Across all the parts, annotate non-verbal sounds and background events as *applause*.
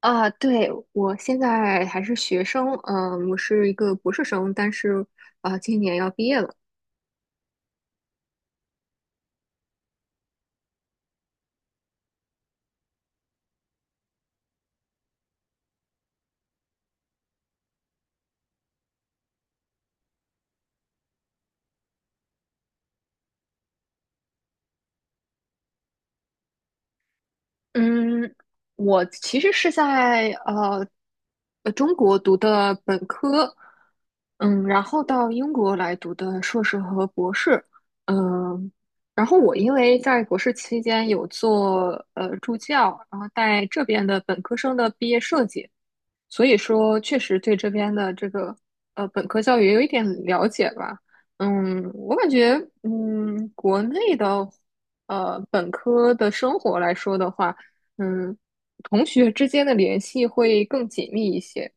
啊，对，我现在还是学生，嗯，我是一个博士生，但是啊，今年要毕业了。嗯，我其实是在中国读的本科，嗯，然后到英国来读的硕士和博士，嗯，然后我因为在博士期间有做助教，然后带这边的本科生的毕业设计，所以说确实对这边的这个本科教育也有一点了解吧。嗯，我感觉嗯国内的本科的生活来说的话。嗯，同学之间的联系会更紧密一些。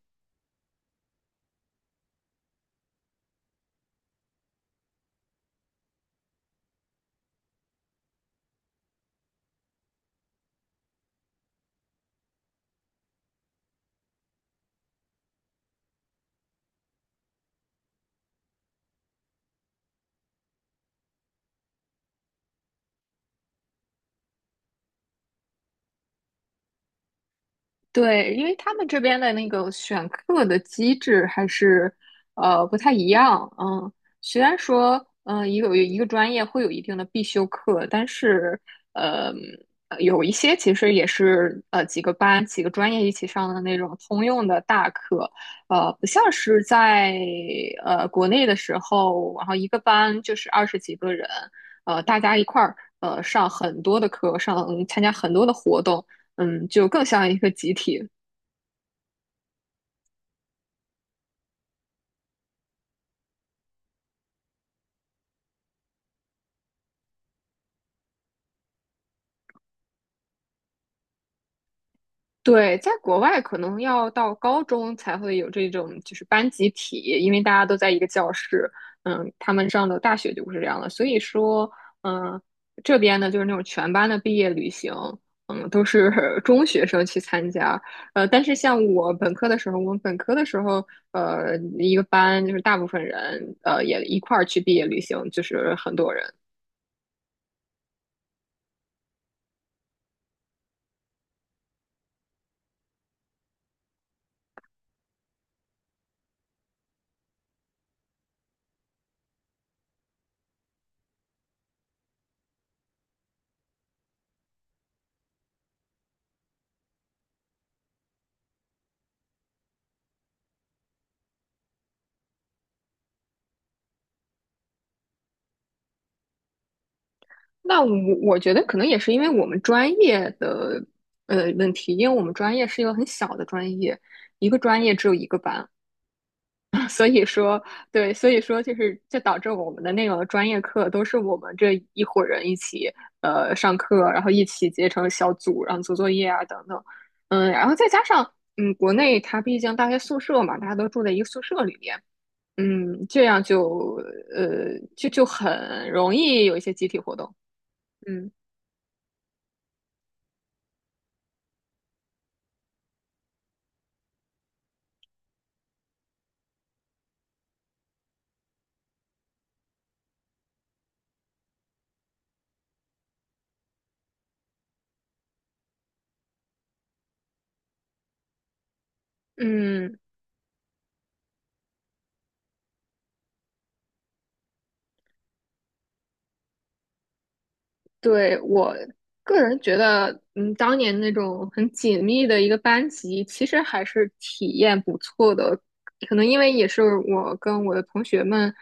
对，因为他们这边的那个选课的机制还是不太一样，嗯，虽然说嗯一个一个专业会有一定的必修课，但是呃有一些其实也是几个班几个专业一起上的那种通用的大课，不像是在国内的时候，然后一个班就是20几个人，大家一块儿上很多的课，参加很多的活动。嗯，就更像一个集体。对，在国外可能要到高中才会有这种就是班集体，因为大家都在一个教室。嗯，他们上的大学就不是这样的，所以说，嗯，这边呢就是那种全班的毕业旅行，嗯，都是 *laughs* 中学生去参加。呃，但是像我本科的时候，我们本科的时候，呃，一个班就是大部分人，呃，也一块儿去毕业旅行，就是很多人。那我我觉得可能也是因为我们专业的问题，因为我们专业是一个很小的专业，一个专业只有一个班。*laughs* 所以说，对，所以说就是导致我们的那个专业课都是我们这一伙人一起上课，然后一起结成小组，然后做作业啊等等。嗯，然后再加上嗯国内它毕竟大学宿舍嘛，大家都住在一个宿舍里面。嗯，这样就就很容易有一些集体活动。嗯。嗯，对，我个人觉得，嗯，当年那种很紧密的一个班级，其实还是体验不错的。可能因为也是我跟我的同学们，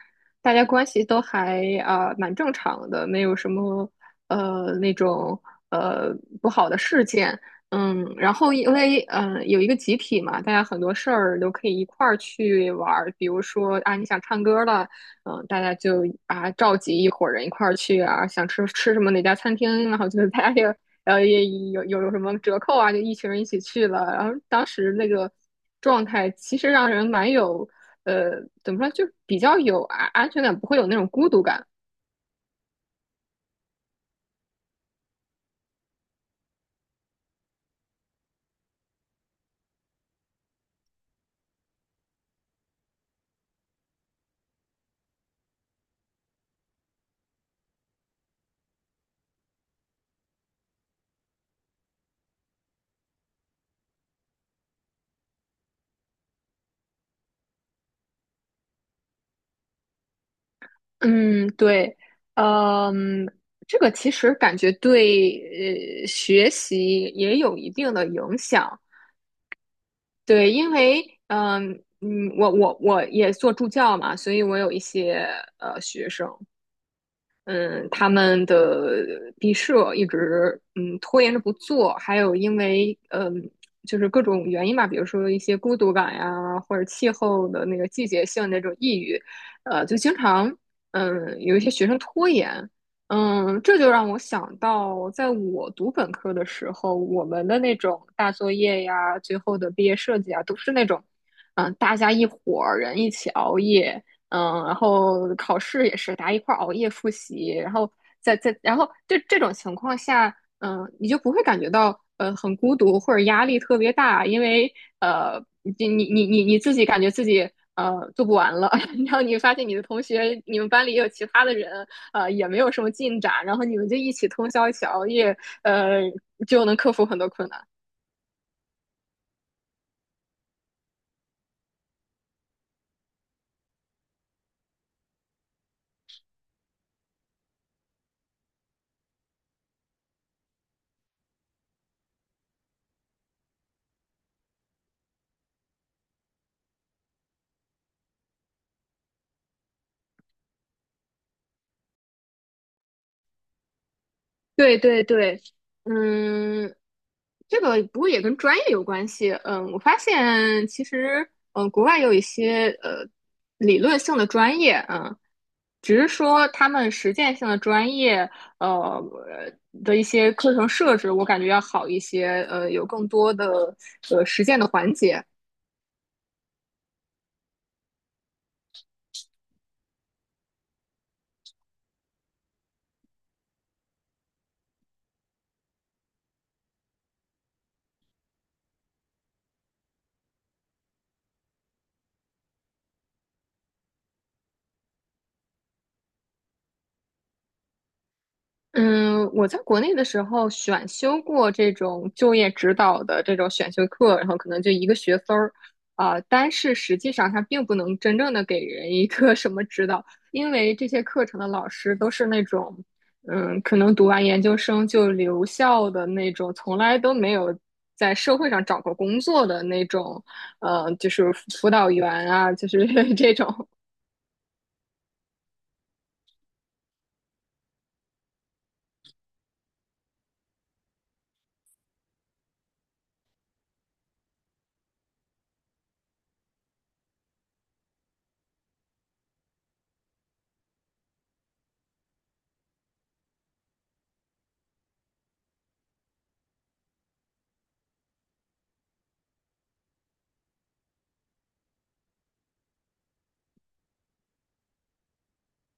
大家关系都还啊、蛮正常的，没有什么那种呃不好的事件。嗯，然后因为嗯、有一个集体嘛，大家很多事儿都可以一块儿去玩儿，比如说啊你想唱歌了。嗯，大家就啊召集一伙人一块儿去啊，想吃什么哪家餐厅，然后就是大家也有什么折扣啊，就一群人一起去了。然后当时那个状态其实让人蛮有呃怎么说，就比较有安全感，不会有那种孤独感。嗯，对，嗯，这个其实感觉对学习也有一定的影响。对，因为嗯嗯，我也做助教嘛，所以我有一些学生，嗯，他们的毕设一直嗯拖延着不做，还有因为嗯就是各种原因吧，比如说一些孤独感呀，或者气候的那个季节性的那种抑郁，呃，就经常嗯有一些学生拖延。嗯，这就让我想到，在我读本科的时候，我们的那种大作业呀，最后的毕业设计啊，都是那种嗯大家一伙儿人一起熬夜。嗯，然后考试也是大家一块儿熬夜复习，然后然后这种情况下，嗯，你就不会感觉到很孤独或者压力特别大，因为你自己感觉自己做不完了，*laughs* 然后你发现你的同学，你们班里也有其他的人，也没有什么进展，然后你们就一起通宵一起熬夜，呃就能克服很多困难。对对对，嗯，这个不过也跟专业有关系。嗯，我发现其实，嗯，国外有一些理论性的专业，嗯，只是说他们实践性的专业，呃的一些课程设置，我感觉要好一些，呃，有更多的实践的环节。嗯，我在国内的时候选修过这种就业指导的这种选修课，然后可能就一个学分儿。啊、但是实际上它并不能真正的给人一个 *laughs* 什么指导，因为这些课程的老师都是那种，嗯，可能读完研究生就留校的那种，从来都没有在社会上找过工作的那种，呃，就是辅导员啊，就是 *laughs* 这种。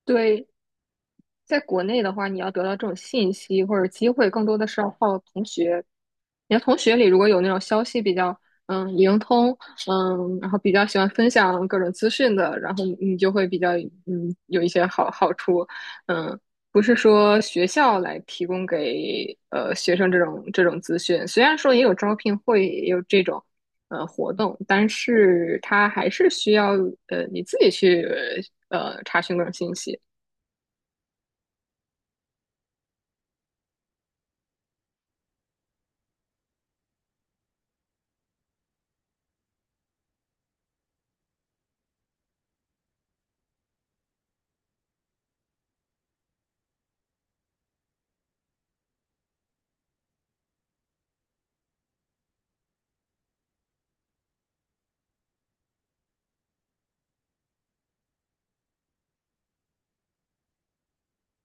对，在国内的话，你要得到这种信息或者机会，更多的是要靠同学。你的同学里如果有那种消息比较嗯灵通，嗯，然后比较喜欢分享各种资讯的，然后就会比较嗯有一些好处。嗯，不是说学校来提供给学生这种资讯，虽然说也有招聘会，也有这种活动，但是它还是需要你自己去查询各种信息。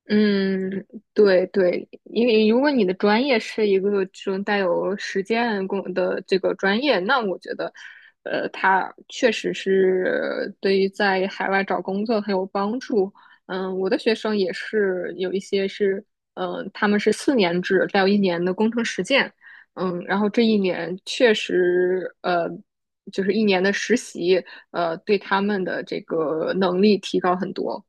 嗯，对对，因为如果你的专业是一个这种带有实践工的这个专业，那我觉得，呃，它确实是对于在海外找工作很有帮助。嗯，我的学生也是有一些是，嗯、他们是4年制，再有1年的工程实践。嗯，然后这1年确实，呃，就是1年的实习，呃，对他们的这个能力提高很多。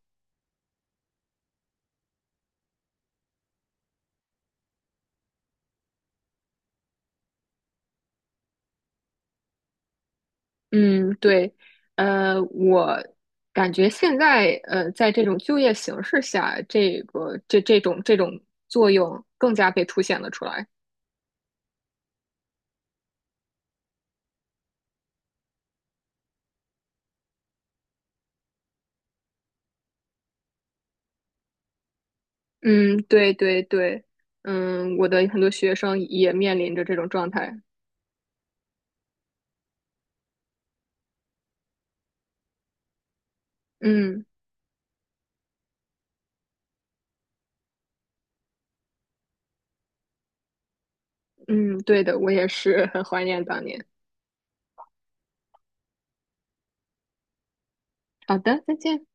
嗯，对，呃，我感觉现在呃，在这种就业形势下，这种作用更加被凸显了出来。嗯，对对对，嗯，我的很多学生也面临着这种状态。嗯嗯，对的，我也是很怀念当年。好的，再见。